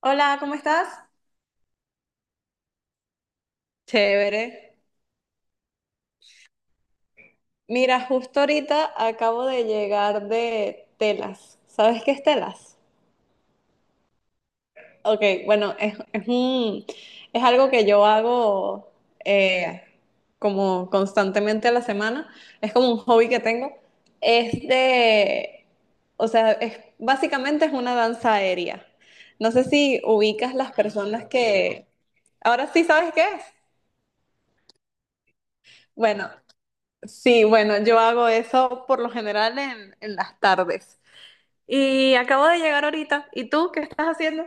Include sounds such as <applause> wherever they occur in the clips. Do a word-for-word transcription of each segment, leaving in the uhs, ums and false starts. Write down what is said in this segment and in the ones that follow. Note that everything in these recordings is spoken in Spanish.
Hola, ¿cómo estás? Chévere. Mira, justo ahorita acabo de llegar de telas. ¿Sabes qué es telas? Ok, bueno, es, es un- es algo que yo hago eh, como constantemente a la semana. Es como un hobby que tengo. Es de, o sea, es, básicamente es una danza aérea. No sé si ubicas las personas que... Ahora sí, ¿sabes qué es? Bueno, sí, bueno, yo hago eso por lo general en, en las tardes. Y acabo de llegar ahorita. ¿Y tú qué estás haciendo?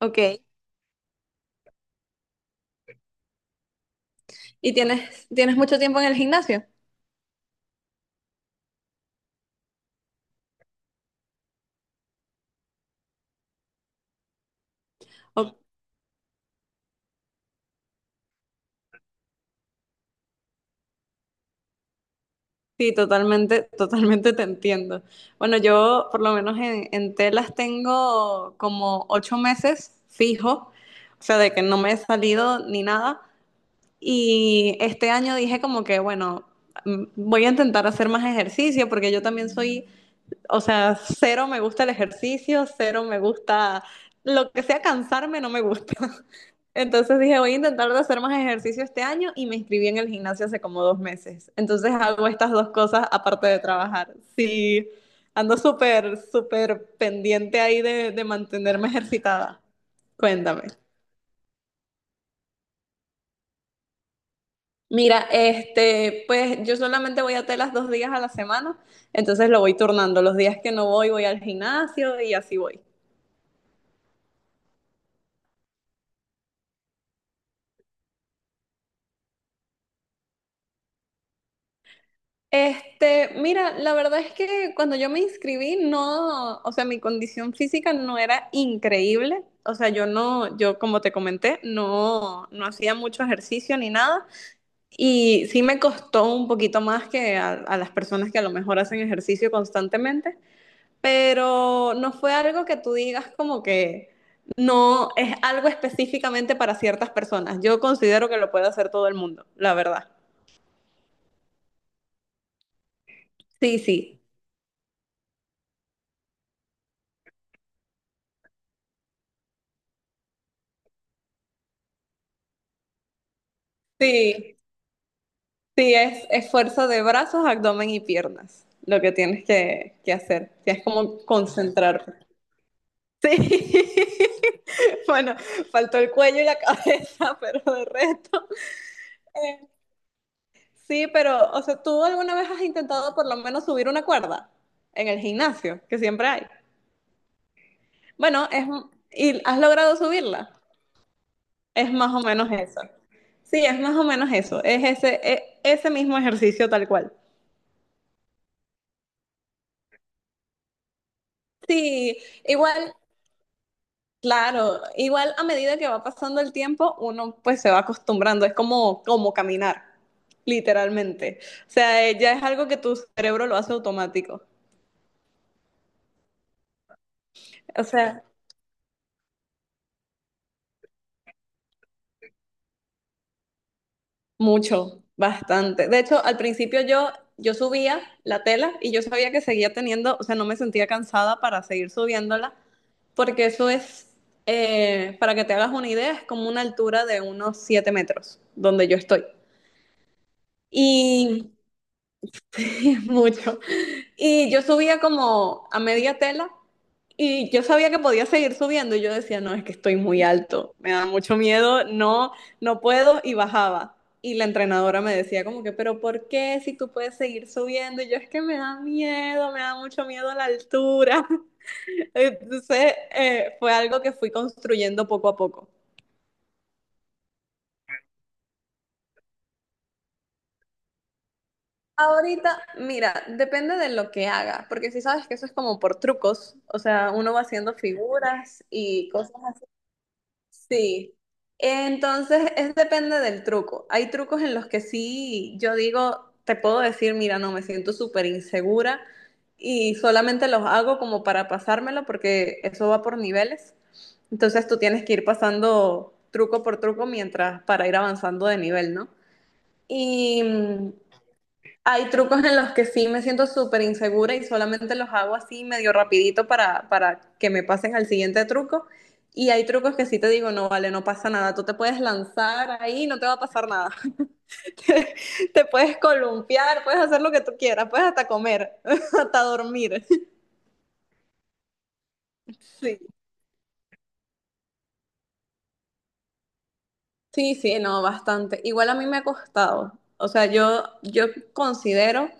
Ok. ¿Y tienes, tienes mucho tiempo en el gimnasio? Ok, sí, totalmente, totalmente te entiendo. Bueno, yo por lo menos en, en telas tengo como ocho meses fijo, o sea, de que no me he salido ni nada. Y este año dije como que, bueno, mm, voy a intentar hacer más ejercicio porque yo también soy. O sea, cero me gusta el ejercicio, cero me gusta lo que sea cansarme, no me gusta. <laughs> Entonces dije, voy a intentar de hacer más ejercicio este año y me inscribí en el gimnasio hace como dos meses. Entonces hago estas dos cosas aparte de trabajar. Sí, ando súper, súper pendiente ahí de, de mantenerme ejercitada. Cuéntame. Mira, este, pues yo solamente voy a telas dos días a la semana, entonces lo voy turnando. Los días que no voy, voy al gimnasio y así voy. Este, mira, la verdad es que cuando yo me inscribí, no, o sea, mi condición física no era increíble. O sea, yo no, yo como te comenté, no, no hacía mucho ejercicio ni nada. Y sí me costó un poquito más que a, a las personas que a lo mejor hacen ejercicio constantemente. Pero no fue algo que tú digas como que no es algo específicamente para ciertas personas. Yo considero que lo puede hacer todo el mundo, la verdad. Sí, sí. Sí. Sí, es esfuerzo de brazos, abdomen y piernas, lo que tienes que, que hacer. Sí, es como concentrarte. Sí. <laughs> Bueno, faltó el cuello y la <laughs> cabeza, pero de resto. eh, Sí, pero, o sea, ¿tú alguna vez has intentado por lo menos subir una cuerda en el gimnasio, que siempre hay? Bueno, es, y has logrado subirla. Es más o menos eso. Sí, es más o menos eso. Es ese, e- ese mismo ejercicio tal cual. Sí, igual. Claro, igual a medida que va pasando el tiempo, uno pues se va acostumbrando, es como, como caminar, literalmente. O sea, eh, ya es algo que tu cerebro lo hace automático. O sea, mucho, bastante. De hecho, al principio yo, yo subía la tela y yo sabía que seguía teniendo, o sea, no me sentía cansada para seguir subiéndola, porque eso es, eh, para que te hagas una idea, es como una altura de unos siete metros donde yo estoy. Y <laughs> sí, es mucho. Y yo subía como a media tela y yo sabía que podía seguir subiendo y yo decía, no, es que estoy muy alto, me da mucho miedo, no, no puedo y bajaba. Y la entrenadora me decía como que, pero ¿por qué si tú puedes seguir subiendo? Y yo es que me da miedo, me da mucho miedo a la altura. <laughs> Entonces eh, fue algo que fui construyendo poco a poco. Ahorita, mira, depende de lo que haga, porque si sabes que eso es como por trucos, o sea, uno va haciendo figuras y cosas. Sí. Entonces, es depende del truco. Hay trucos en los que sí, yo digo, te puedo decir, mira, no, me siento súper insegura y solamente los hago como para pasármelo porque eso va por niveles. Entonces, tú tienes que ir pasando truco por truco mientras para ir avanzando de nivel, ¿no? Y mm, hay trucos en los que sí me siento súper insegura y solamente los hago así medio rapidito para, para que me pasen al siguiente truco. Y hay trucos que sí te digo, no, vale, no pasa nada, tú te puedes lanzar ahí, no te va a pasar nada. <laughs> Te, te puedes columpiar, puedes hacer lo que tú quieras, puedes hasta comer, <laughs> hasta dormir. Sí, sí, sí, no, bastante. Igual a mí me ha costado. O sea, yo, yo considero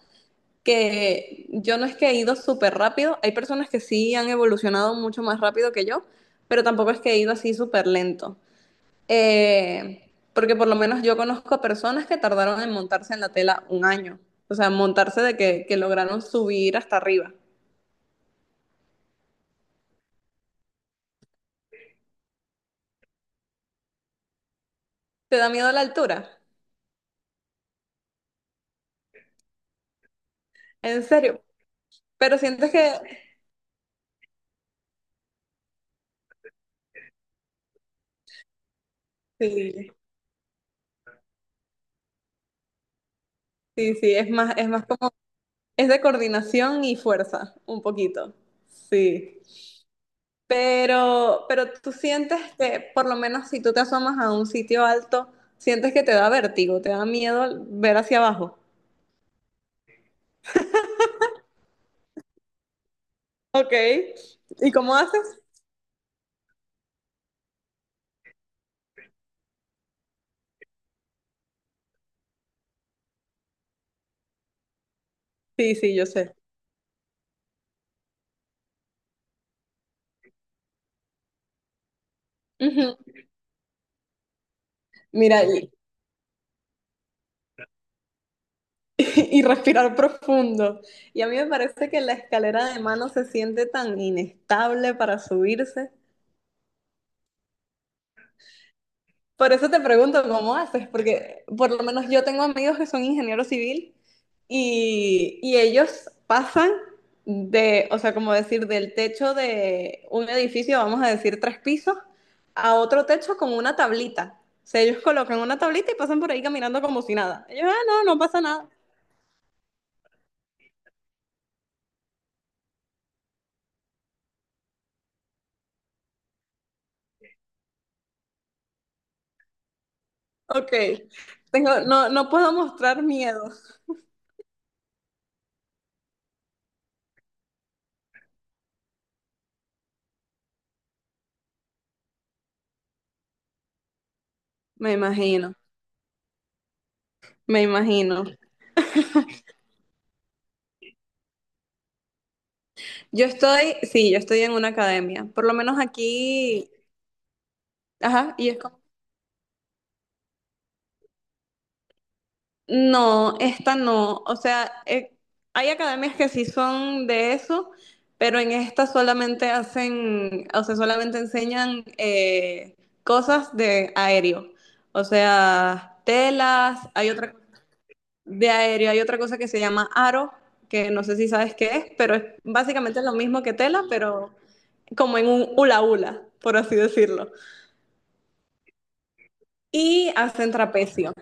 que yo no es que he ido súper rápido, hay personas que sí han evolucionado mucho más rápido que yo, pero tampoco es que he ido así súper lento. Eh, porque por lo menos yo conozco personas que tardaron en montarse en la tela un año, o sea, montarse de que, que lograron subir hasta arriba. ¿Te da miedo la altura? En serio, pero sientes que sí, sí, sí, es más, es más como, es de coordinación y fuerza, un poquito. Sí. Pero, pero tú sientes que, por lo menos si tú te asomas a un sitio alto, sientes que te da vértigo, te da miedo ver hacia abajo. Ok. ¿Y cómo haces? Sí, sí, yo sé. Ujú. Mira, y, <laughs> y respirar profundo. Y a mí me parece que la escalera de mano se siente tan inestable para subirse. Por eso te pregunto cómo haces, porque por lo menos yo tengo amigos que son ingenieros civil y, y ellos pasan de, o sea, como decir, del techo de un edificio, vamos a decir tres pisos, a otro techo con una tablita. O sea, ellos colocan una tablita y pasan por ahí caminando como si nada. Ellos, ah, no, no pasa nada. Ok, tengo, no, no puedo mostrar miedo. Me imagino, me imagino. Yo estoy, sí, yo estoy en una academia, por lo menos aquí, ajá, y es. No, esta no. O sea, eh, hay academias que sí son de eso, pero en esta solamente hacen, o sea, solamente enseñan eh, cosas de aéreo. O sea, telas, hay otra de aéreo, hay otra cosa que se llama aro, que no sé si sabes qué es, pero es básicamente lo mismo que tela, pero como en un hula hula, por así decirlo. Y hacen trapecio.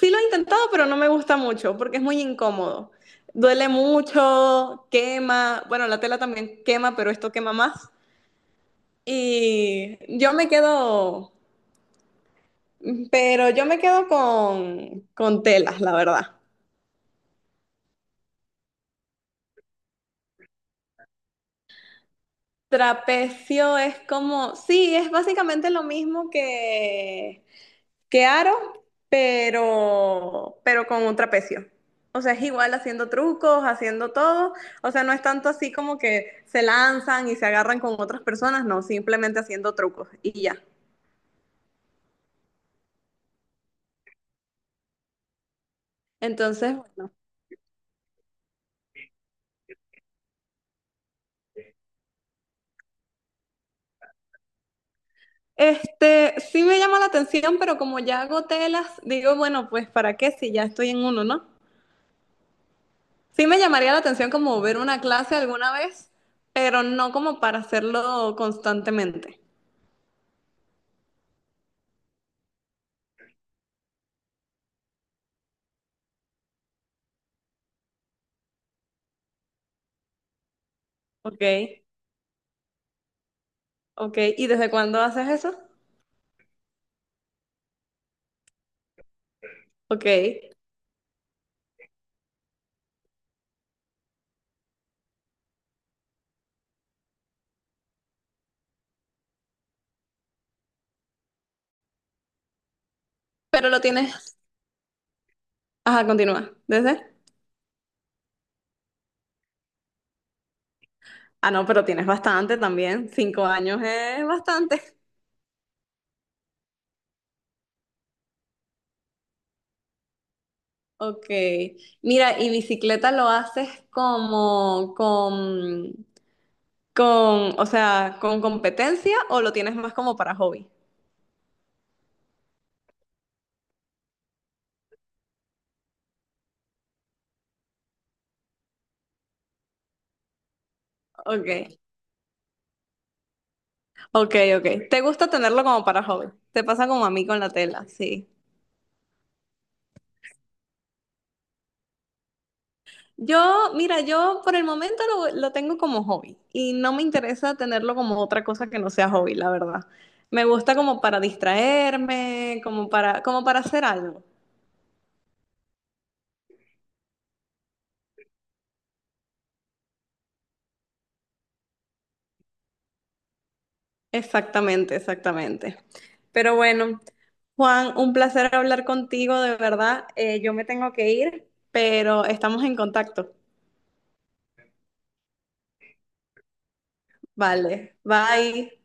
Sí lo he intentado, pero no me gusta mucho porque es muy incómodo. Duele mucho, quema. Bueno, la tela también quema, pero esto quema más. Y yo me quedo, pero yo me quedo con, con telas, la verdad. Trapecio es como, sí, es básicamente lo mismo que, que aro, pero, pero con un trapecio. O sea, es igual haciendo trucos, haciendo todo. O sea, no es tanto así como que se lanzan y se agarran con otras personas, no, simplemente haciendo trucos y ya. Entonces, bueno. Este, sí me llama la atención, pero como ya hago telas, digo, bueno, pues ¿para qué si ya estoy en uno, no? Sí me llamaría la atención como ver una clase alguna vez, pero no como para hacerlo constantemente. Ok, ok. ¿Y desde cuándo haces eso? Ok, pero lo tienes. Ajá, continúa. ¿Desde? Ah, no, pero tienes bastante también. Cinco años es bastante. Ok. Mira, ¿y bicicleta lo haces como con, con, o sea, con competencia o lo tienes más como para hobby? Ok, ok, ok. ¿Te gusta tenerlo como para hobby? Te pasa como a mí con la tela, sí. Yo, mira, yo por el momento lo, lo tengo como hobby y no me interesa tenerlo como otra cosa que no sea hobby, la verdad. Me gusta como para distraerme, como para, como para hacer algo. Exactamente, exactamente. Pero bueno, Juan, un placer hablar contigo, de verdad. Eh, yo me tengo que ir, pero estamos en contacto. Vale, bye.